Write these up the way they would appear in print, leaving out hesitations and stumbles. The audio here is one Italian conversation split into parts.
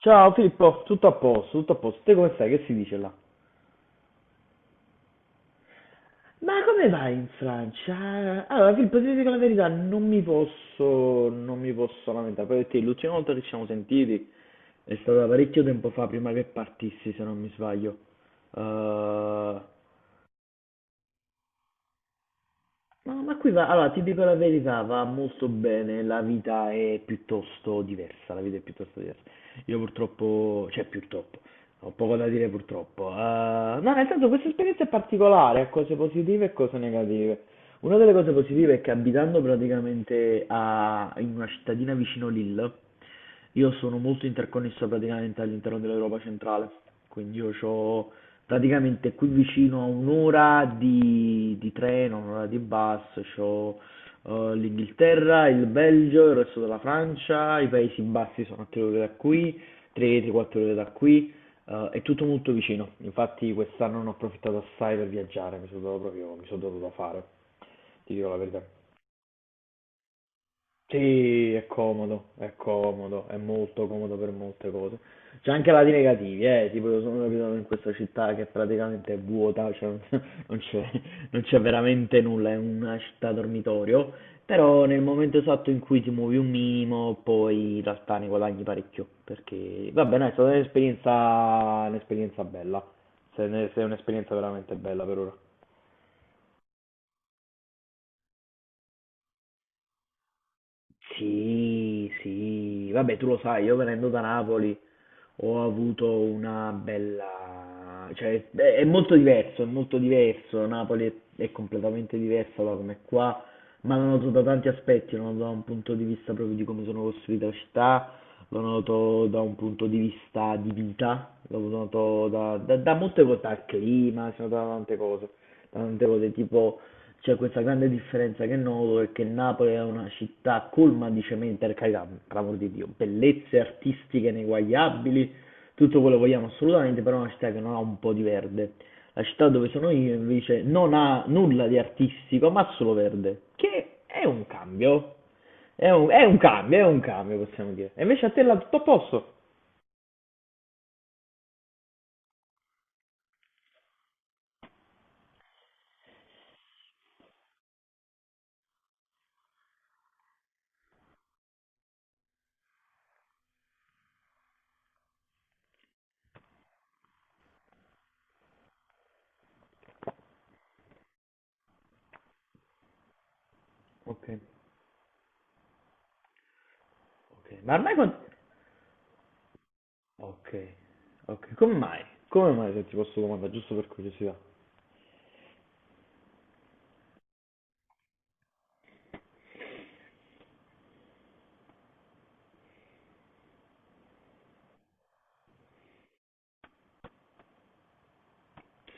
Ciao Filippo, tutto a posto, tutto a posto. Te come stai? Che si dice là? Ma come vai in Francia? Allora, Filippo, ti dico la verità, non mi posso lamentare, perché l'ultima volta che ci siamo sentiti è stata parecchio tempo fa, prima che partissi, se non mi sbaglio. Eh, ma qui va, allora, ti dico la verità, va molto bene, la vita è piuttosto diversa, la vita è piuttosto diversa. Io purtroppo, cioè purtroppo, ho poco da dire purtroppo. No, nel senso questa esperienza è particolare, ha cose positive e cose negative. Una delle cose positive è che abitando praticamente in una cittadina vicino Lille, io sono molto interconnesso praticamente all'interno dell'Europa centrale. Quindi io ho praticamente qui vicino a un'ora di treno, un'ora di bus, ho l'Inghilterra, il Belgio, il resto della Francia, i Paesi Bassi sono a 3 ore da qui, 3-4 ore da qui. È tutto molto vicino, infatti quest'anno ne ho approfittato assai per viaggiare, mi sono dato proprio, mi sono dato da fare, ti dico la verità. Sì, è comodo, è comodo, è molto comodo per molte cose. C'è anche lati negativi, tipo io sono capitato in questa città che praticamente è vuota, cioè non c'è non c'è veramente nulla, è una città dormitorio, però nel momento esatto in cui ti muovi un minimo, poi in realtà ne guadagni parecchio, perché va bene, è stata un'esperienza bella, se è un'esperienza veramente bella per ora. Sì, sì, vabbè, tu lo sai, io venendo da Napoli ho avuto una bella... cioè è molto diverso, è molto diverso, Napoli è completamente diversa da come è qua, ma lo noto da tanti aspetti, lo noto da un punto di vista proprio di come sono costruita la città, lo noto da un punto di vista di vita, lo noto da molte cose, dal clima, sono da tante cose tipo... C'è questa grande differenza che noto è che Napoli è una città colma di cemento, per carità, per l'amor di Dio, bellezze artistiche ineguagliabili, tutto quello che vogliamo assolutamente, però è una città che non ha un po' di verde. La città dove sono io invece non ha nulla di artistico, ma solo verde, che è un cambio. È un cambio, è un cambio, possiamo dire. E invece a te è tutto a posto. Ok, ok. Ma ormai con... Ok, ok. Come mai? Come mai se ti posso domandare, giusto per curiosità?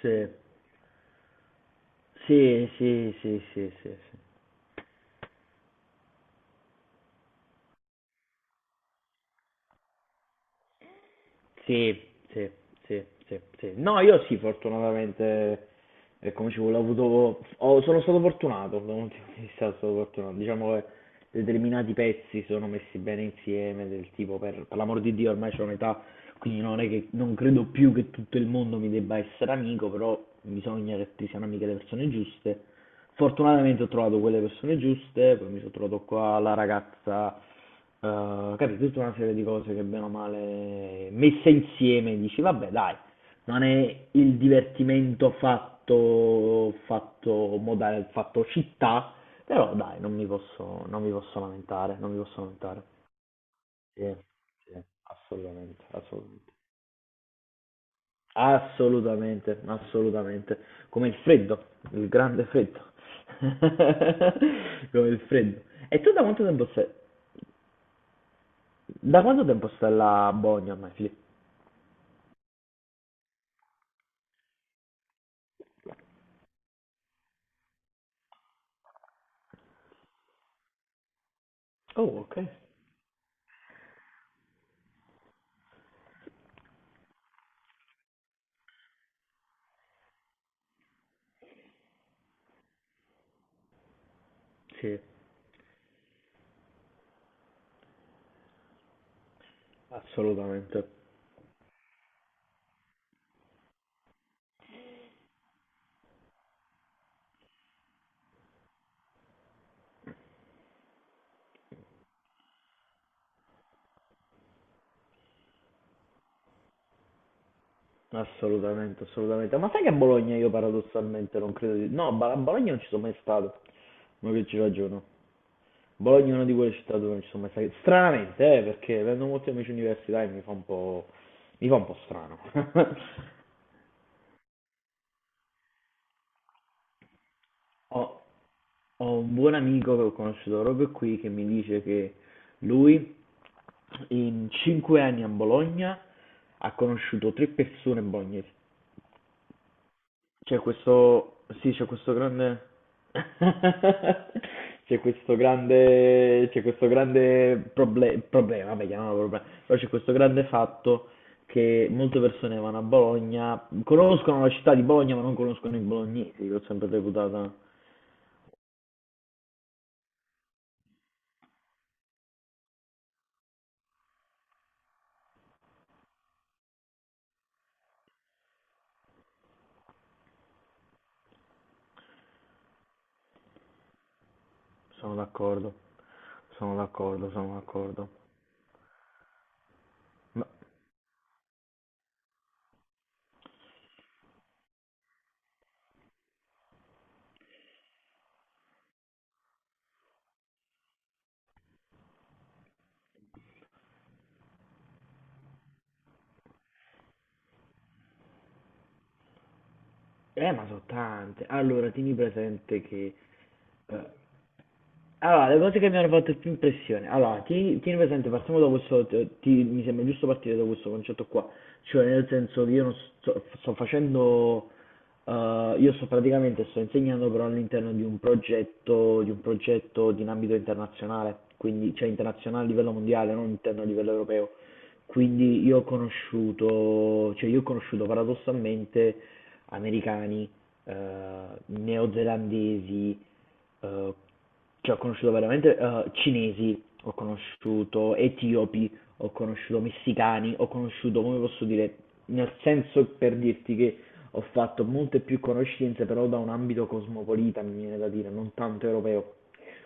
Sì. Sì, sì, sì, sì, sì, sì. Sì, sì, sì, sì, sì. No, io sì, fortunatamente, come ci vuole, ho avuto, sono stato fortunato, da un punto di vista sono stato fortunato. Diciamo che determinati pezzi sono messi bene insieme, del tipo, per l'amor di Dio, ormai c'ho un'età, quindi non è che, non credo più che tutto il mondo mi debba essere amico, però bisogna che ti siano amiche le persone giuste. Fortunatamente ho trovato quelle persone giuste, poi mi sono trovato qua la ragazza. Capito? Tutta una serie di cose che bene o male messe insieme dici: "Vabbè dai, non è il divertimento fatto moda fatto città, però dai, non mi posso lamentare, non mi posso lamentare". Sì, sì, assolutamente, assolutamente. Assolutamente, assolutamente. Come il freddo, il grande freddo. Come il freddo. E tu da quanto tempo stai là a Bologna ormai, Fili? Oh, ok. Sì, assolutamente. Assolutamente, assolutamente. Ma sai che a Bologna io paradossalmente non credo di... No, a Bologna non ci sono mai stato. Ma che ci ragiono. Bologna è una di quelle città dove non ci sono mai stato. Stranamente, perché avendo molti amici universitari mi fa un po'... mi fa un po' strano. Ho, ho un buon amico che ho conosciuto proprio qui che mi dice che lui in 5 anni a Bologna ha conosciuto tre persone bolognesi. C'è questo, sì, c'è questo grande, c'è questo grande problema, vabbè, chiamiamolo problema, però c'è questo grande fatto che molte persone vanno a Bologna, conoscono la città di Bologna ma non conoscono i bolognesi, l'ho sempre reputata, sono d'accordo, sono d'accordo, sono d'accordo. Ma, ma sono tante. Allora, tieni presente che eh, allora, le cose che mi hanno fatto più impressione. Allora, tieni presente, partiamo da questo. Mi sembra giusto partire da questo concetto qua. Cioè, nel senso che io non sto facendo. Io sto praticamente sto insegnando però all'interno di un progetto di un ambito internazionale, quindi cioè internazionale a livello mondiale, non interno a livello europeo. Quindi io ho conosciuto, cioè io ho conosciuto paradossalmente americani, eh, neozelandesi, eh, cioè, ho conosciuto veramente cinesi, ho conosciuto etiopi, ho conosciuto messicani, ho conosciuto, come posso dire, nel senso per dirti che ho fatto molte più conoscenze, però da un ambito cosmopolita, mi viene da dire, non tanto europeo.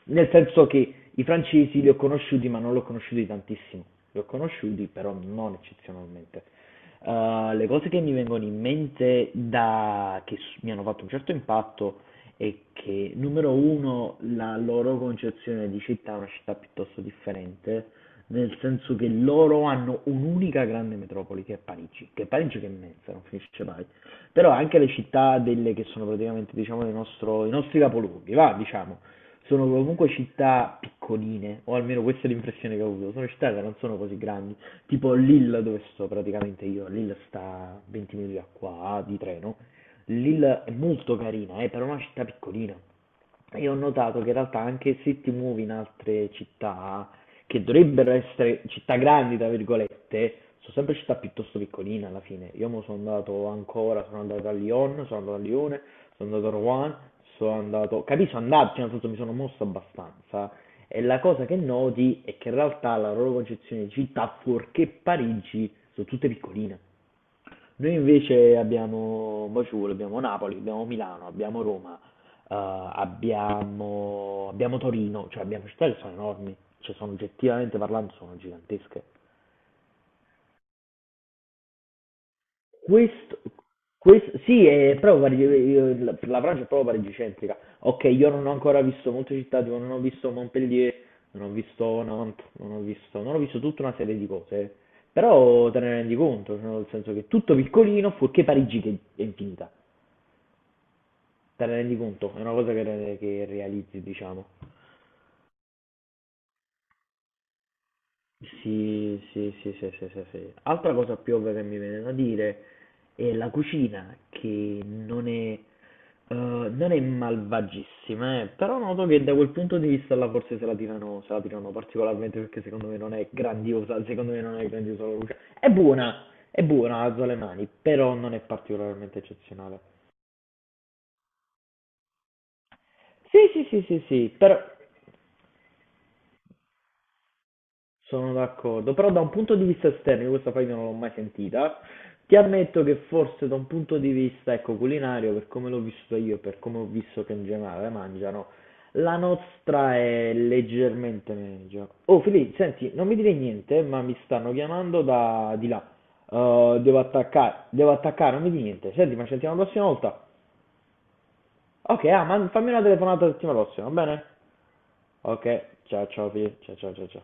Nel senso che i francesi li ho conosciuti, ma non li ho conosciuti tantissimo. Li ho conosciuti, però non eccezionalmente. Le cose che mi vengono in mente da... che mi hanno fatto un certo impatto è che, numero uno, la loro concezione di città è una città piuttosto differente, nel senso che loro hanno un'unica grande metropoli che è Parigi, che è Parigi che è immensa, non finisce mai. Però anche le città delle che sono praticamente, diciamo, i nostri capoluoghi, va, diciamo sono comunque città piccoline, o almeno questa è l'impressione che ho avuto, sono città che non sono così grandi, tipo Lille dove sto praticamente io, Lille sta a 20 minuti da qua di treno, Lille è molto carina, è però è una città piccolina, e ho notato che in realtà anche se ti muovi in altre città, che dovrebbero essere città grandi, tra virgolette, sono sempre città piuttosto piccoline alla fine. Io mo sono andato ancora, sono andato a Lyon, sono andato a Lione, sono andato a Rouen, sono andato... Capisco, andarci, nel senso mi sono mosso abbastanza. E la cosa che noti è che in realtà la loro concezione di città, fuorché Parigi, sono tutte piccoline. Noi invece abbiamo Baciul, abbiamo Napoli, abbiamo Milano, abbiamo Roma, abbiamo Torino, cioè abbiamo città che sono enormi, cioè sono oggettivamente parlando sono gigantesche. Questo, sì, è proprio Parigi, la Francia è proprio parigicentrica. Ok, io non ho ancora visto molte città, tipo non ho visto Montpellier, non ho visto Nantes, non ho visto tutta una serie di cose, eh. Però te ne rendi conto, cioè, nel senso che è tutto piccolino, fuorché Parigi che è infinita. Te ne rendi conto, è una cosa che, che realizzi, diciamo. Sì, sì, sì, sì, sì, sì, sì. Altra cosa più ovvia che mi viene da dire è la cucina, che non è malvagissima, però noto che da quel punto di vista là forse se la tirano, se la tirano particolarmente perché secondo me non è grandiosa, secondo me non è grandiosa la cucina. È buona, alzo le mani, però non è particolarmente eccezionale. Sì, sì, sì, sì, sì, però sono d'accordo, però da un punto di vista esterno, io questa frase non l'ho mai sentita, ti ammetto che forse da un punto di vista, ecco, culinario, per come l'ho vissuto io, e per come ho visto che in generale mangiano, la nostra è leggermente meglio. Oh, Fili, senti, non mi dire niente, ma mi stanno chiamando da di là. Devo attaccare, devo attaccare, non mi dire niente. Senti, ma ci sentiamo la prossima volta. Ok, ah, ma fammi una telefonata la settimana prossima, va bene? Ok, ciao ciao Fili, ciao ciao ciao ciao.